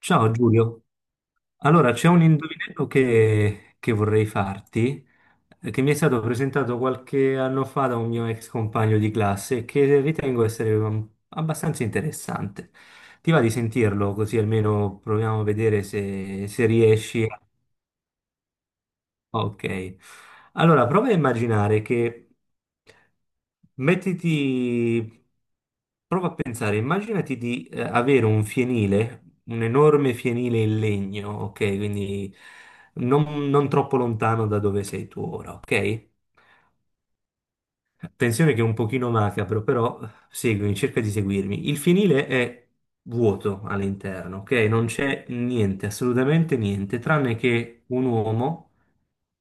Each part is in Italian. Ciao Giulio, allora c'è un indovinello che vorrei farti, che mi è stato presentato qualche anno fa da un mio ex compagno di classe e che ritengo essere abbastanza interessante. Ti va di sentirlo così almeno proviamo a vedere se riesci? Ok. Allora, prova a immaginare che mettiti, prova a pensare, immaginati di avere un fienile, un enorme fienile in legno, ok? Quindi non troppo lontano da dove sei tu ora, ok? Tensione che è un pochino macabro, però seguimi, cerca di seguirmi. Il finile è vuoto all'interno, ok? Non c'è niente, assolutamente niente, tranne che un uomo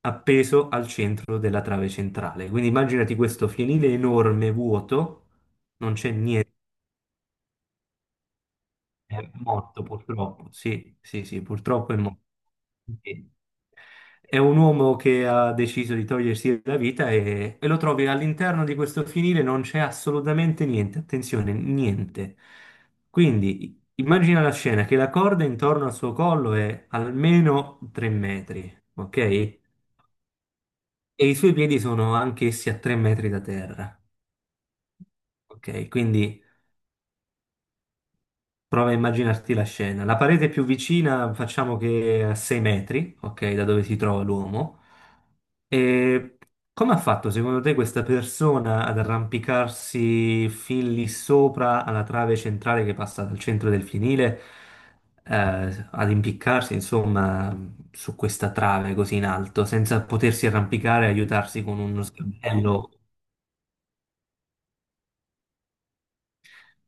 appeso al centro della trave centrale. Quindi immaginati questo finile enorme, vuoto, non c'è niente, è morto purtroppo. Sì, sì, sì, purtroppo è morto. Ok. È un uomo che ha deciso di togliersi la vita e lo trovi all'interno di questo finire, non c'è assolutamente niente, attenzione, niente. Quindi immagina la scena che la corda intorno al suo collo è almeno 3 metri, ok? E i suoi piedi sono anch'essi a 3 metri da terra, ok? Quindi prova a immaginarti la scena. La parete più vicina facciamo che è a 6 metri, ok, da dove si trova l'uomo. E come ha fatto secondo te questa persona ad arrampicarsi fin lì sopra alla trave centrale che passa dal centro del fienile, ad impiccarsi insomma su questa trave così in alto, senza potersi arrampicare e aiutarsi con uno sgabello?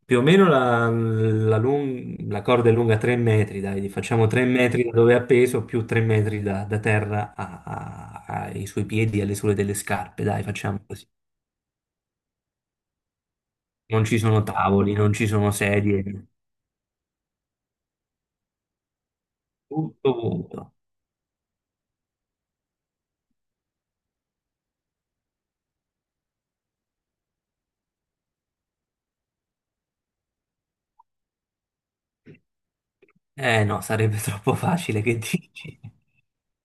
Più o meno la corda è lunga 3 metri, dai, gli facciamo 3 metri da dove è appeso più 3 metri da terra ai suoi piedi, alle suole delle scarpe, dai, facciamo così. Non ci sono tavoli, non ci sono sedie, tutto vuoto. Eh no, sarebbe troppo facile, che dici?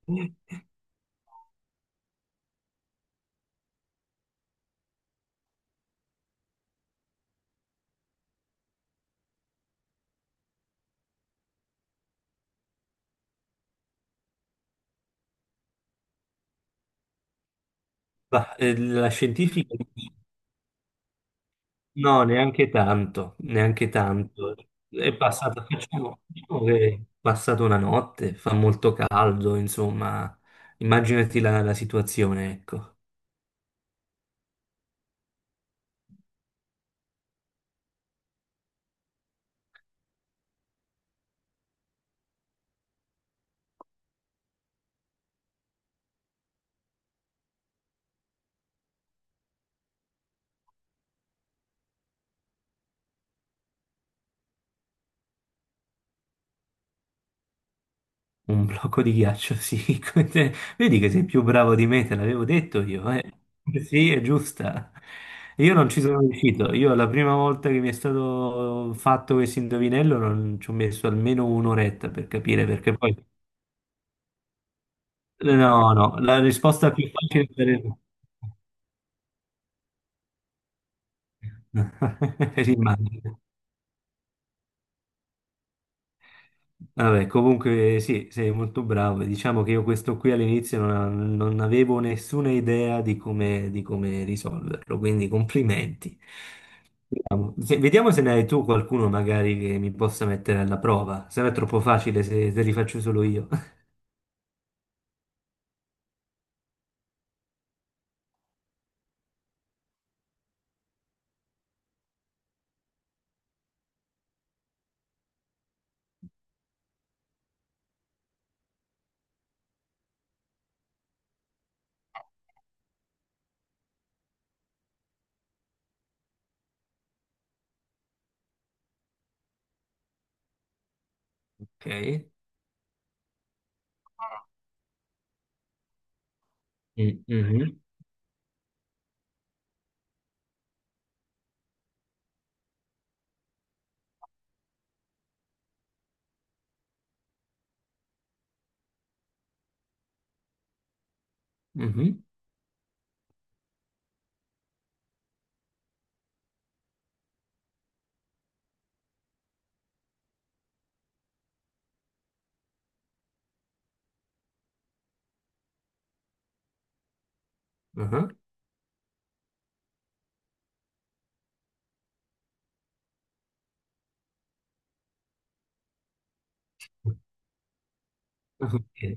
Ma, la scientifica... No, neanche tanto, neanche tanto. È passata, facciamo, diciamo che è passata una notte, fa molto caldo, insomma, immaginati la situazione, ecco, un blocco di ghiaccio, sì. Come te. Vedi che sei più bravo di me, te l'avevo detto io, eh. Sì, è giusta. Io non ci sono riuscito, io la prima volta che mi è stato fatto questo indovinello non ci ho messo almeno un'oretta per capire, perché poi... No, no, la risposta più facile sarebbe... Immagino. Vabbè, comunque sì, sei molto bravo. Diciamo che io questo qui all'inizio non avevo nessuna idea di di come risolverlo, quindi complimenti. Vediamo. Se, vediamo se ne hai tu qualcuno magari che mi possa mettere alla prova, se no è troppo facile se li faccio solo io. Ok. Mm, mhm, mhm, aha. Ok.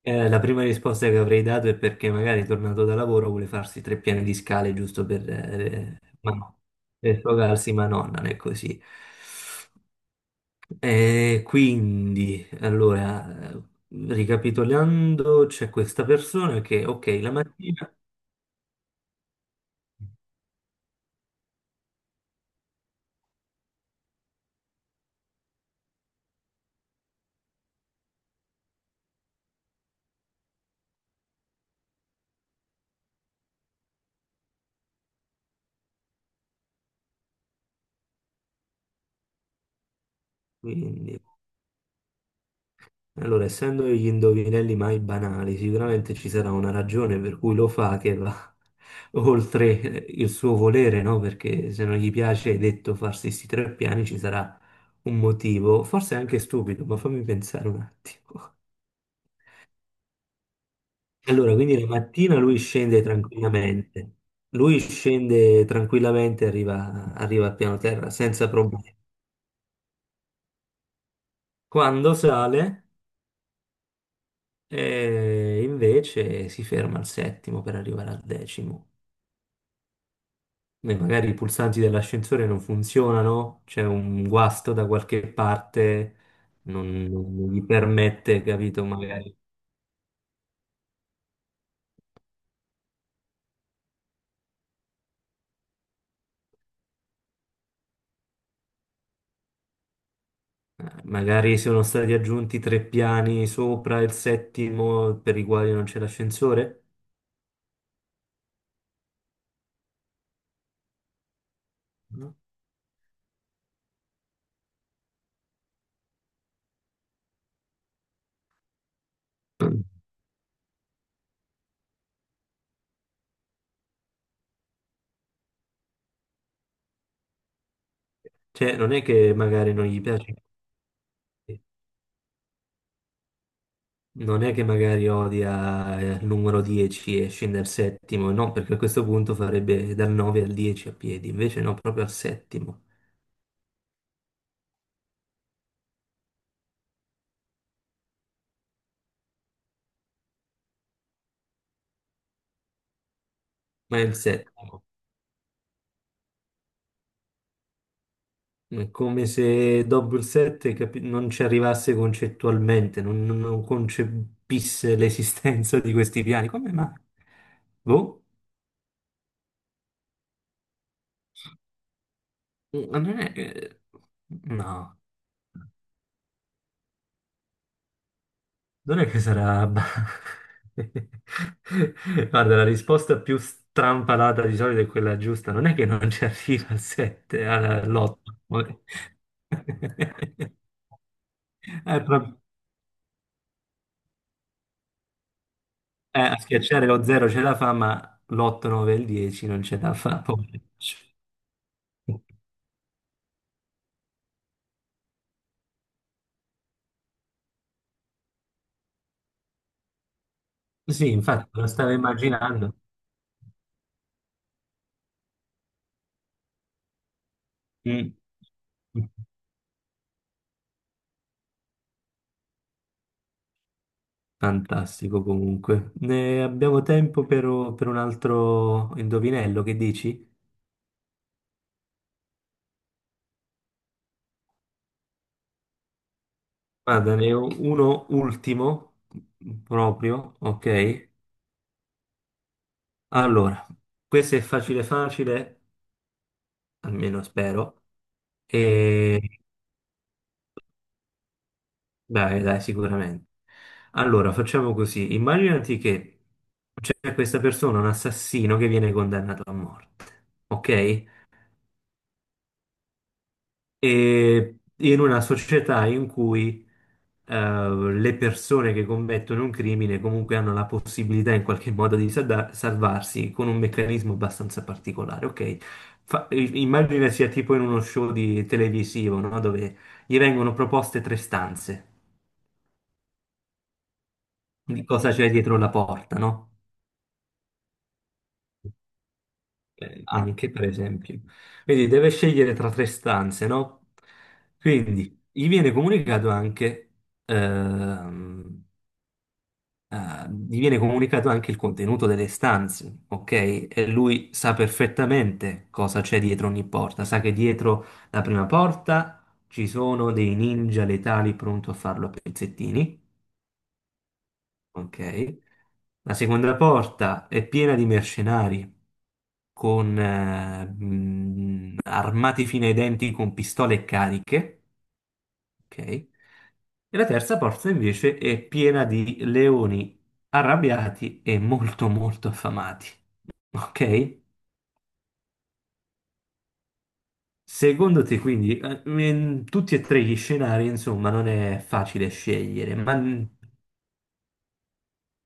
La prima risposta che avrei dato è perché magari tornato da lavoro vuole farsi tre piani di scale giusto per, ma no, per sfogarsi, ma no, non è così. Quindi, allora, ricapitolando, c'è questa persona che, ok, la mattina, quindi allora, essendo gli indovinelli mai banali, sicuramente ci sarà una ragione per cui lo fa che va oltre il suo volere, no? Perché se non gli piace, hai detto, farsi questi tre piani, ci sarà un motivo, forse anche stupido, ma fammi pensare un attimo. Allora, quindi la mattina lui scende tranquillamente, arriva, arriva al piano terra senza problemi. Quando sale, invece si ferma al settimo per arrivare al decimo. Beh, magari i pulsanti dell'ascensore non funzionano, c'è un guasto da qualche parte, non gli permette, capito? Magari, magari sono stati aggiunti tre piani sopra il settimo per i quali non c'è l'ascensore. No. Cioè, non è che magari non gli piace, non è che magari odia il numero 10 e scende al settimo, no, perché a questo punto farebbe dal 9 al 10 a piedi, invece no, proprio al settimo. Ma è il settimo. È come se Double 7 capi- non ci arrivasse concettualmente, non concepisse l'esistenza di questi piani. Come mai? Boh, ma non è che... No, non è che sarà... Guarda, la risposta più strampalata di solito è quella giusta. Non è che non ci arriva al 7, all'8. A schiacciare lo 0 ce la fa, ma l'8, 9 e il 10 non ce la fa. Poveraccio. Sì, infatti, lo stavo immaginando. Mm. Fantastico comunque. Ne abbiamo tempo per un altro indovinello, che dici? Guarda, ne ho uno ultimo, proprio, ok? Allora, questo è facile facile, almeno spero. E dai, dai, sicuramente. Allora, facciamo così. Immaginati che c'è questa persona, un assassino, che viene condannato a morte, ok? E in una società in cui le persone che commettono un crimine comunque hanno la possibilità in qualche modo di sada- salvarsi con un meccanismo abbastanza particolare, ok? Fa- i- immagina sia tipo in uno show di televisivo, no? Dove gli vengono proposte tre stanze di cosa c'è dietro la porta, no? Eh, anche per esempio. Quindi deve scegliere tra tre stanze, no? Quindi gli viene comunicato anche, ehm, gli viene comunicato anche il contenuto delle stanze, ok? E lui sa perfettamente cosa c'è dietro ogni porta, sa che dietro la prima porta ci sono dei ninja letali pronto a farlo a pezzettini, ok? La seconda porta è piena di mercenari con armati fino ai denti con pistole cariche, ok? E la terza porta invece è piena di leoni arrabbiati e molto molto affamati, ok? Secondo te quindi in tutti e tre gli scenari, insomma, non è facile scegliere, ma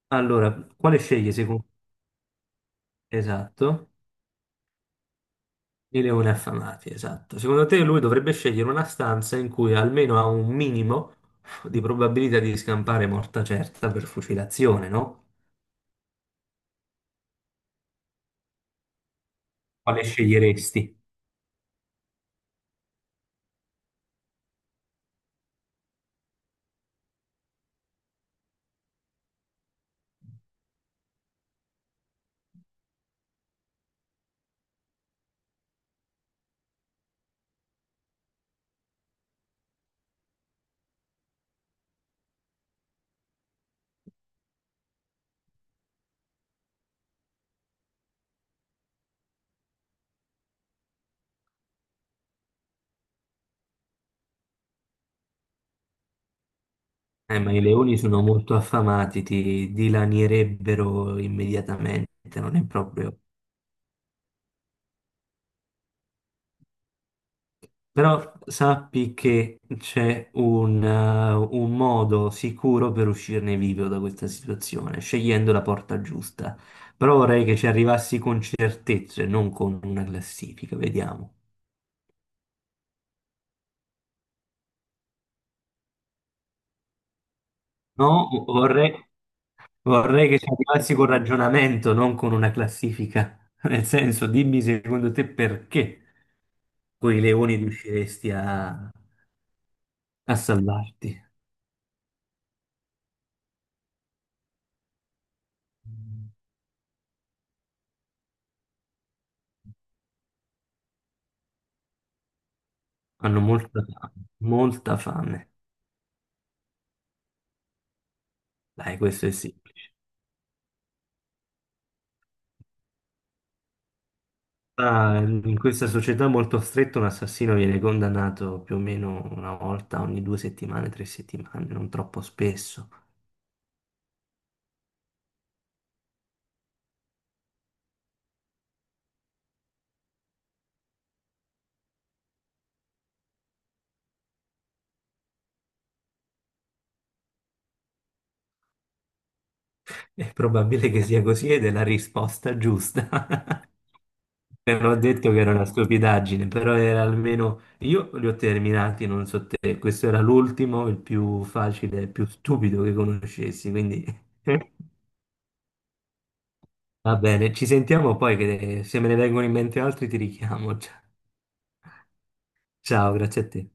allora, quale scegli secondo... Esatto. I leoni affamati, esatto. Secondo te lui dovrebbe scegliere una stanza in cui almeno ha un minimo di probabilità di scampare morta certa per fucilazione, no? Quale sceglieresti? Ma i leoni sono molto affamati, ti dilanierebbero immediatamente, non è proprio... Però sappi che c'è un modo sicuro per uscirne vivo da questa situazione, scegliendo la porta giusta. Però vorrei che ci arrivassi con certezze, non con una classifica, vediamo. No, vorrei che ci arrivassi con ragionamento, non con una classifica. Nel senso, dimmi secondo te perché con i leoni riusciresti a salvarti. Hanno molta fame, molta fame. Dai, questo è sì. Ah, in questa società molto stretta un assassino viene condannato più o meno una volta ogni due settimane, tre settimane, non troppo spesso. È probabile che sia così ed è la risposta giusta. Non ho detto che era una stupidaggine, però era almeno... Io li ho terminati, non so te, questo era l'ultimo, il più facile, il più stupido che conoscessi, quindi... Va bene, ci sentiamo poi che se me ne vengono in mente altri ti richiamo. Ciao, grazie a te.